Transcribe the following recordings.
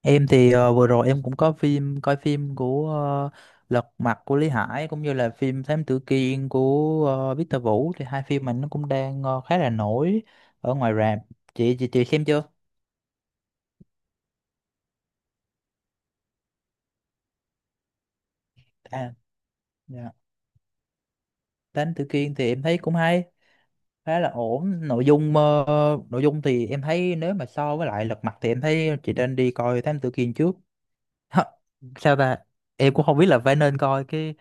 Em thì vừa rồi em cũng có phim coi phim của Lật Mặt của Lý Hải cũng như là phim Thám Tử Kiên của Victor Vũ thì hai phim mình nó cũng đang khá là nổi ở ngoài rạp. Chị xem chưa? À dạ. Thám Tử Kiên thì em thấy cũng hay, khá là ổn. Nội dung thì em thấy nếu mà so với lại Lật Mặt thì em thấy chị nên đi coi Thám Tử Kiên trước. Hả? Sao ta? Em cũng không biết là phải nên coi cái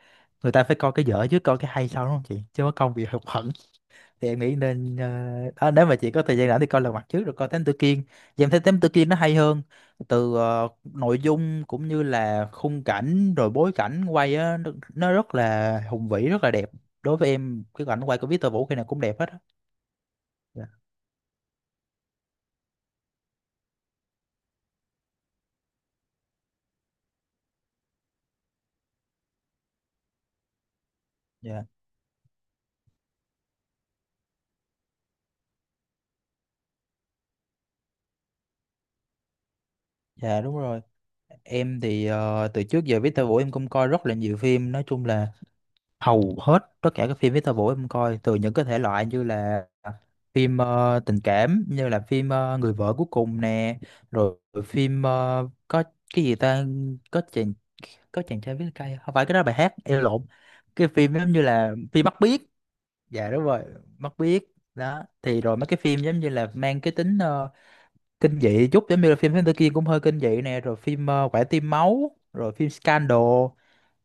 người ta phải coi cái dở trước coi cái hay sau đúng không chị? Chứ có công bị hụt học thì em nghĩ, nếu mà chị có thời gian rảnh thì coi Lật Mặt trước rồi coi Thám Tử Kiên thì em thấy Thám Tử Kiên nó hay hơn từ nội dung cũng như là khung cảnh rồi bối cảnh quay á nó rất là hùng vĩ rất là đẹp. Đối với em cái cảnh quay của Victor Vũ khi nào cũng đẹp hết á. Dạ. Dạ dạ đúng rồi. Em thì từ trước giờ Victor Vũ em cũng coi rất là nhiều phim, nói chung là hầu hết tất cả các phim festival em coi, từ những cái thể loại như là phim tình cảm như là phim Người vợ cuối cùng nè, rồi phim có cái gì ta, có chàng, có chàng trai viết cây, không phải cái đó là bài hát em lộn, cái phim giống như là phim Mắt Biếc. Dạ đúng rồi, Mắt Biếc đó, thì rồi mấy cái phim giống như là mang cái tính kinh dị chút, giống như là phim Thám Tử Kiên cũng hơi kinh dị nè, rồi phim Quả Tim Máu rồi phim Scandal,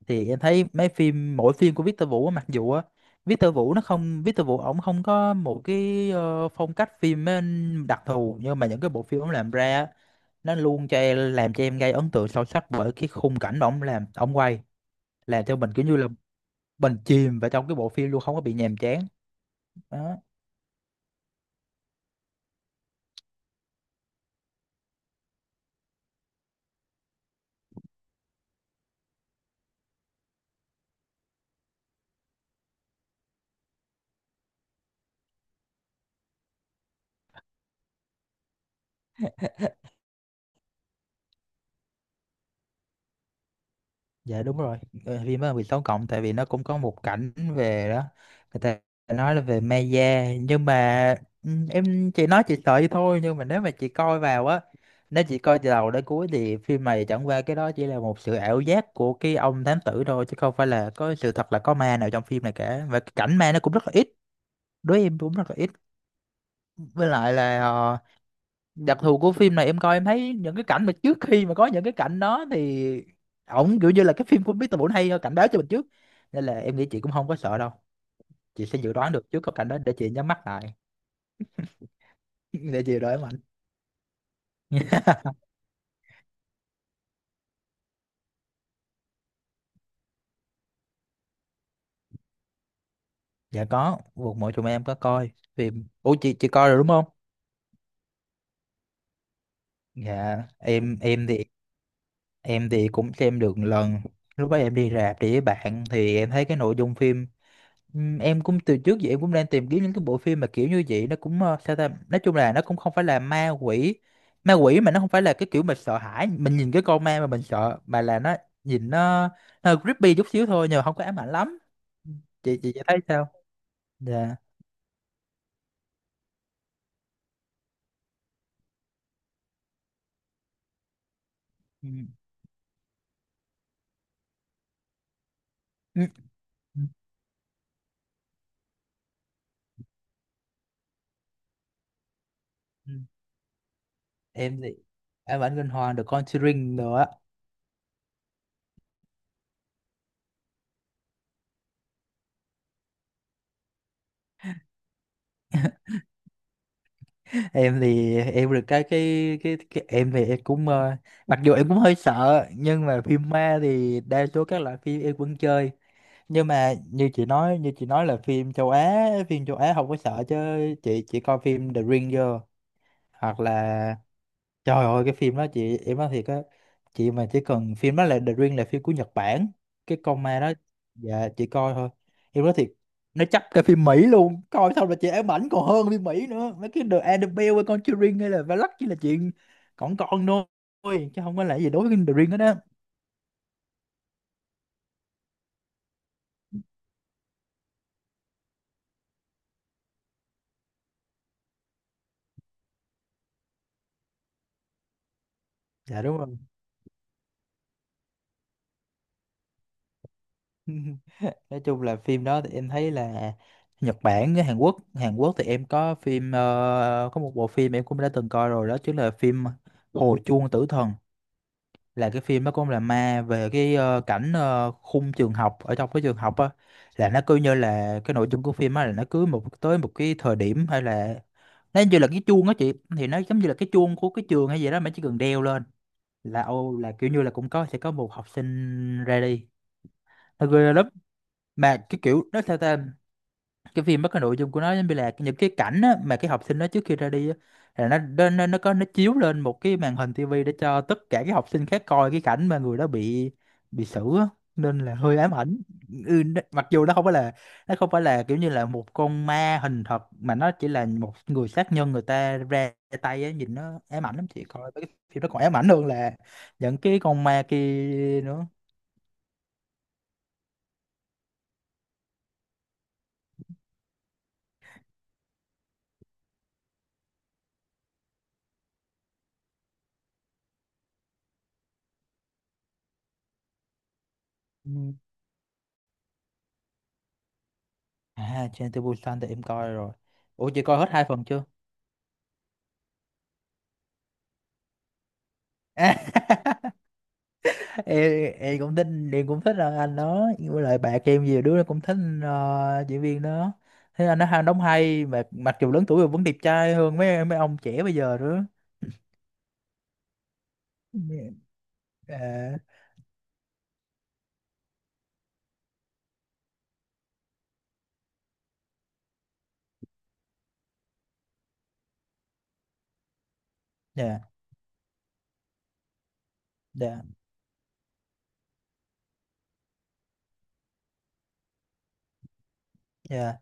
thì em thấy mấy phim mỗi phim của Victor Vũ á, mặc dù á, Victor Vũ ổng không có một cái phong cách phim á, đặc thù, nhưng mà những cái bộ phim ổng làm ra á, nó luôn cho em làm cho em gây ấn tượng sâu sắc bởi cái khung cảnh mà ổng quay, làm cho mình kiểu như là mình chìm vào trong cái bộ phim luôn, không có bị nhàm chán. Đó. Dạ đúng rồi. Ờ, phim đó là 16 cộng, tại vì nó cũng có một cảnh về đó người ta nói là về ma da, nhưng mà ừ, em chỉ nói chị sợ vậy thôi, nhưng mà nếu mà chị coi vào á, nếu chị coi từ đầu đến cuối thì phim này chẳng qua cái đó chỉ là một sự ảo giác của cái ông thám tử thôi, chứ không phải là có sự thật là có ma nào trong phim này cả, và cái cảnh ma nó cũng rất là ít, đối với em cũng rất là ít. Với lại là đặc thù của phim này em coi em thấy những cái cảnh mà trước khi mà có những cái cảnh đó thì ổng kiểu như là cái phim của Mr. Bổn hay cảnh báo cho mình trước, nên là em nghĩ chị cũng không có sợ đâu, chị sẽ dự đoán được trước cái cảnh đó để chị nhắm mắt lại. Để chị đợi mạnh. Dạ có, một mọi chúng em có coi phim, ủa chị coi rồi đúng không. Dạ, em thì em thì cũng xem được một lần, lúc đó em đi rạp đi với bạn thì em thấy cái nội dung phim. Em cũng từ trước giờ em cũng đang tìm kiếm những cái bộ phim mà kiểu như vậy, nó cũng sao ta, nói chung là nó cũng không phải là ma quỷ, ma quỷ mà nó không phải là cái kiểu mình sợ hãi mình nhìn cái con ma mà mình sợ, mà là nó nhìn nó hơi creepy chút xíu thôi nhưng mà không có ám ảnh lắm. Chị thấy sao? Dạ. Ừm, ừm, ừm, em thì ám ảnh kinh hoàng The Conjuring nữa. Em thì em được cái em thì em cũng ờ, mặc dù em cũng hơi sợ nhưng mà phim ma thì đa số các loại phim em vẫn chơi, nhưng mà như chị nói là phim châu Á, phim châu Á không có sợ chứ chị chỉ coi phim The Ring vô, hoặc là trời ơi cái phim đó chị, em nói thiệt á, chị mà chỉ cần phim đó là The Ring là phim của Nhật Bản, cái con ma đó dạ chị coi thôi em nói thiệt, nó chấp cái phim Mỹ luôn, coi xong là chị ám ảnh còn hơn phim Mỹ nữa, mấy cái The Annabelle hay Conjuring hay là Valak chỉ là chuyện còn con thôi chứ không có là gì đối với The Ring đó. Đó dạ đúng rồi. Nói chung là phim đó thì em thấy là Nhật Bản với Hàn Quốc, Hàn Quốc thì em có phim có một bộ phim em cũng đã từng coi rồi, đó chính là phim Hồi chuông tử thần, là cái phim nó cũng là ma về cái cảnh khung trường học, ở trong cái trường học á, là nó cứ như là cái nội dung của phim á, là nó cứ một tới một cái thời điểm hay là nó như là cái chuông á chị, thì nó giống như là cái chuông của cái trường hay gì đó mà chỉ cần đeo lên là ô, là kiểu như là cũng có sẽ có một học sinh ra đi, nó ghê lắm, mà cái kiểu nó theo ta, cái phim đó cái nội dung của nó giống như là những cái cảnh á, mà cái học sinh đó trước khi ra đi á, là nó chiếu lên một cái màn hình tivi để cho tất cả các học sinh khác coi cái cảnh mà người đó bị xử á, nên là hơi ám ảnh. Nó- mặc dù nó không phải là, nó không phải là kiểu như là một con ma hình thật, mà nó chỉ là một người sát nhân người ta ra tay á, nhìn nó ám ảnh lắm chị, coi mấy cái phim nó còn ám ảnh hơn là những cái con ma kia nữa. Ừ. À Train to Busan thì em coi rồi, ủa chị coi hết hai phần chưa? Em cũng thích, em cũng thích anh đó, với lại bạn em nhiều đứa nó cũng thích diễn viên đó, thế anh nó hay đóng hay mà, mặc dù lớn tuổi rồi vẫn đẹp trai hơn mấy mấy ông trẻ bây giờ nữa. Dạ. Dạ dạ dạ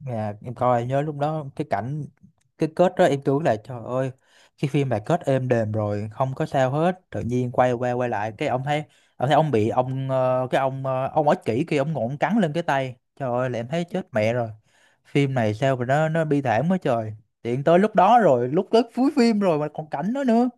Dạ, em coi nhớ lúc đó cái cảnh, cái kết đó em tưởng là trời ơi cái phim này kết êm đềm rồi không có sao hết, tự nhiên quay qua quay lại cái ông thấy ông thấy ông bị ông ờ, cái ông ờ, ông ích kỷ kia ông ngộn cắn lên cái tay, trời ơi là em thấy chết mẹ rồi, phim này sao mà nó bi thảm quá trời, tiện tới lúc đó rồi, lúc tới cuối phim rồi mà còn cảnh đó nữa.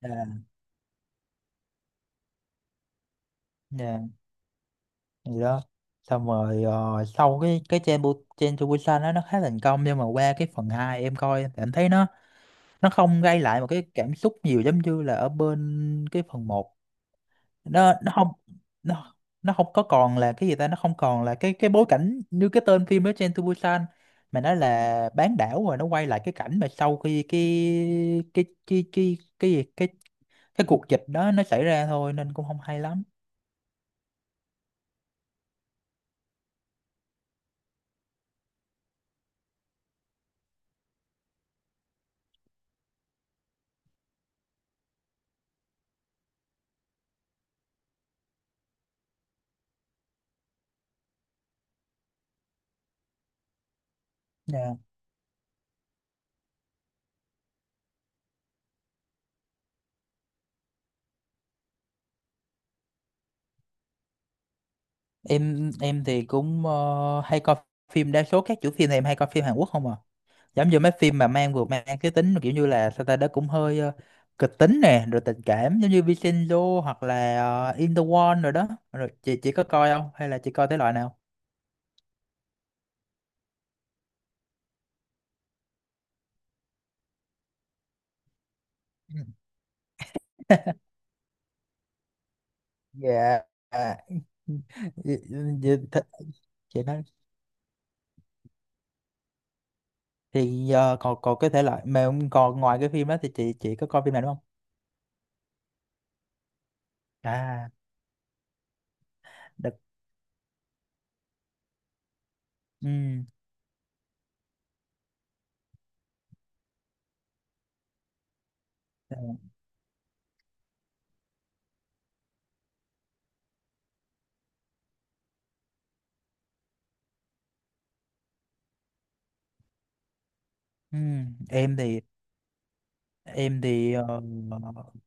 Dạ dạ gì đó. Xong rồi ờ, sau cái trên Busan đó nó khá thành công, nhưng mà qua cái phần 2 em coi em thấy nó không gây lại một cái cảm xúc nhiều giống như là ở bên cái phần một, nó nó không nó nó không có còn là cái gì ta, nó không còn là cái bối cảnh như cái tên phim đó Train to Busan, mà nó là bán đảo, rồi nó quay lại cái cảnh mà sau khi cái gì cái cuộc dịch đó nó xảy ra thôi, nên cũng không hay lắm. Dạ. Em thì cũng hay coi phim, đa số các chủ phim thì em hay coi phim Hàn Quốc không à, giống như mấy phim mà mang cái tính kiểu như là sao ta, đó cũng hơi kịch tính nè, rồi tình cảm, giống như Vincenzo hoặc là In the Wall, rồi đó rồi chị có coi không hay là chị coi thể loại nào? Ừ. Dạ. À, dạ, dạ, chị nói thì còn còn cái thể loại mà còn ngoài cái phim đó thì chị có coi phim nào đúng không? À được. Ừ. Ừ, em thì em thì ờ,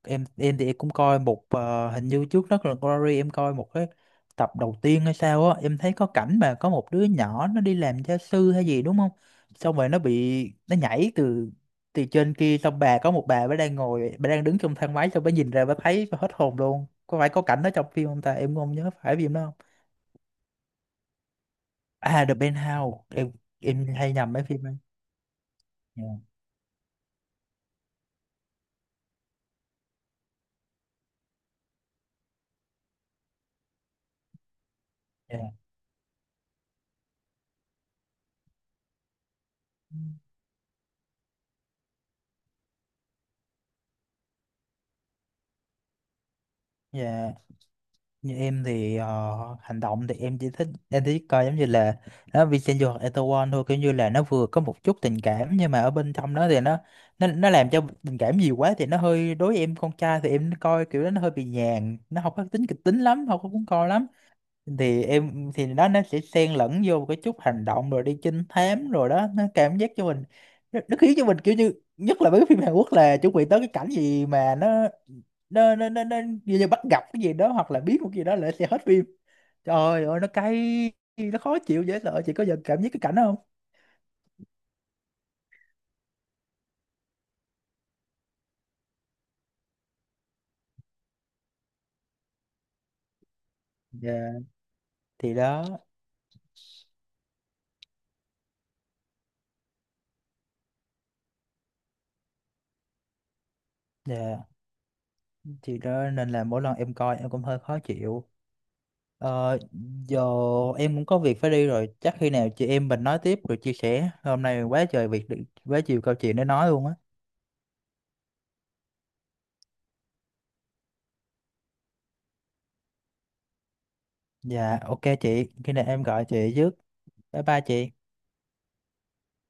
em em cũng coi một, hình như trước đó là Glory em coi một cái tập đầu tiên hay sao á, em thấy có cảnh mà có một đứa nhỏ nó đi làm gia sư hay gì đúng không, xong rồi nó bị nó nhảy từ, từ trên kia, xong bà có một bà đang ngồi, bà đang đứng trong thang máy, xong bà nhìn ra bà thấy bà hết hồn luôn, có phải có cảnh đó trong phim không ta, em cũng không nhớ phải phim đó không. À The Penthouse, em hay nhầm mấy phim ấy. Yeah, yeah. Như em thì hành động thì em chỉ thích, em chỉ coi giống như là nó Vincenzo hoặc Etowon thôi, kiểu như là nó vừa có một chút tình cảm nhưng mà ở bên trong đó thì nó làm cho tình cảm nhiều quá thì nó hơi, đối với em con trai thì em coi kiểu đó nó hơi bị nhàn, nó không có tính kịch tính lắm, không có cuốn coi lắm. Thì em thì đó, nó sẽ xen lẫn vô một cái chút hành động rồi đi trinh thám, rồi đó nó cảm giác cho mình, nó khiến cho mình kiểu như, nhất là mấy cái phim Hàn Quốc là chuẩn bị tới cái cảnh gì mà nó như bắt gặp cái gì đó hoặc là biết một cái gì đó là sẽ hết phim, trời ơi nó cay, nó khó chịu dễ sợ, chị có giờ cảm giác cái cảnh đó không? Dạ thì đó. Dạ thì đó nên là mỗi lần em coi em cũng hơi khó chịu. Ờ, giờ em cũng có việc phải đi rồi, chắc khi nào chị em mình nói tiếp, rồi chia sẻ, hôm nay quá trời việc, quá nhiều câu chuyện để nói luôn á. Dạ ok chị, khi nào em gọi chị trước. Bye bye chị.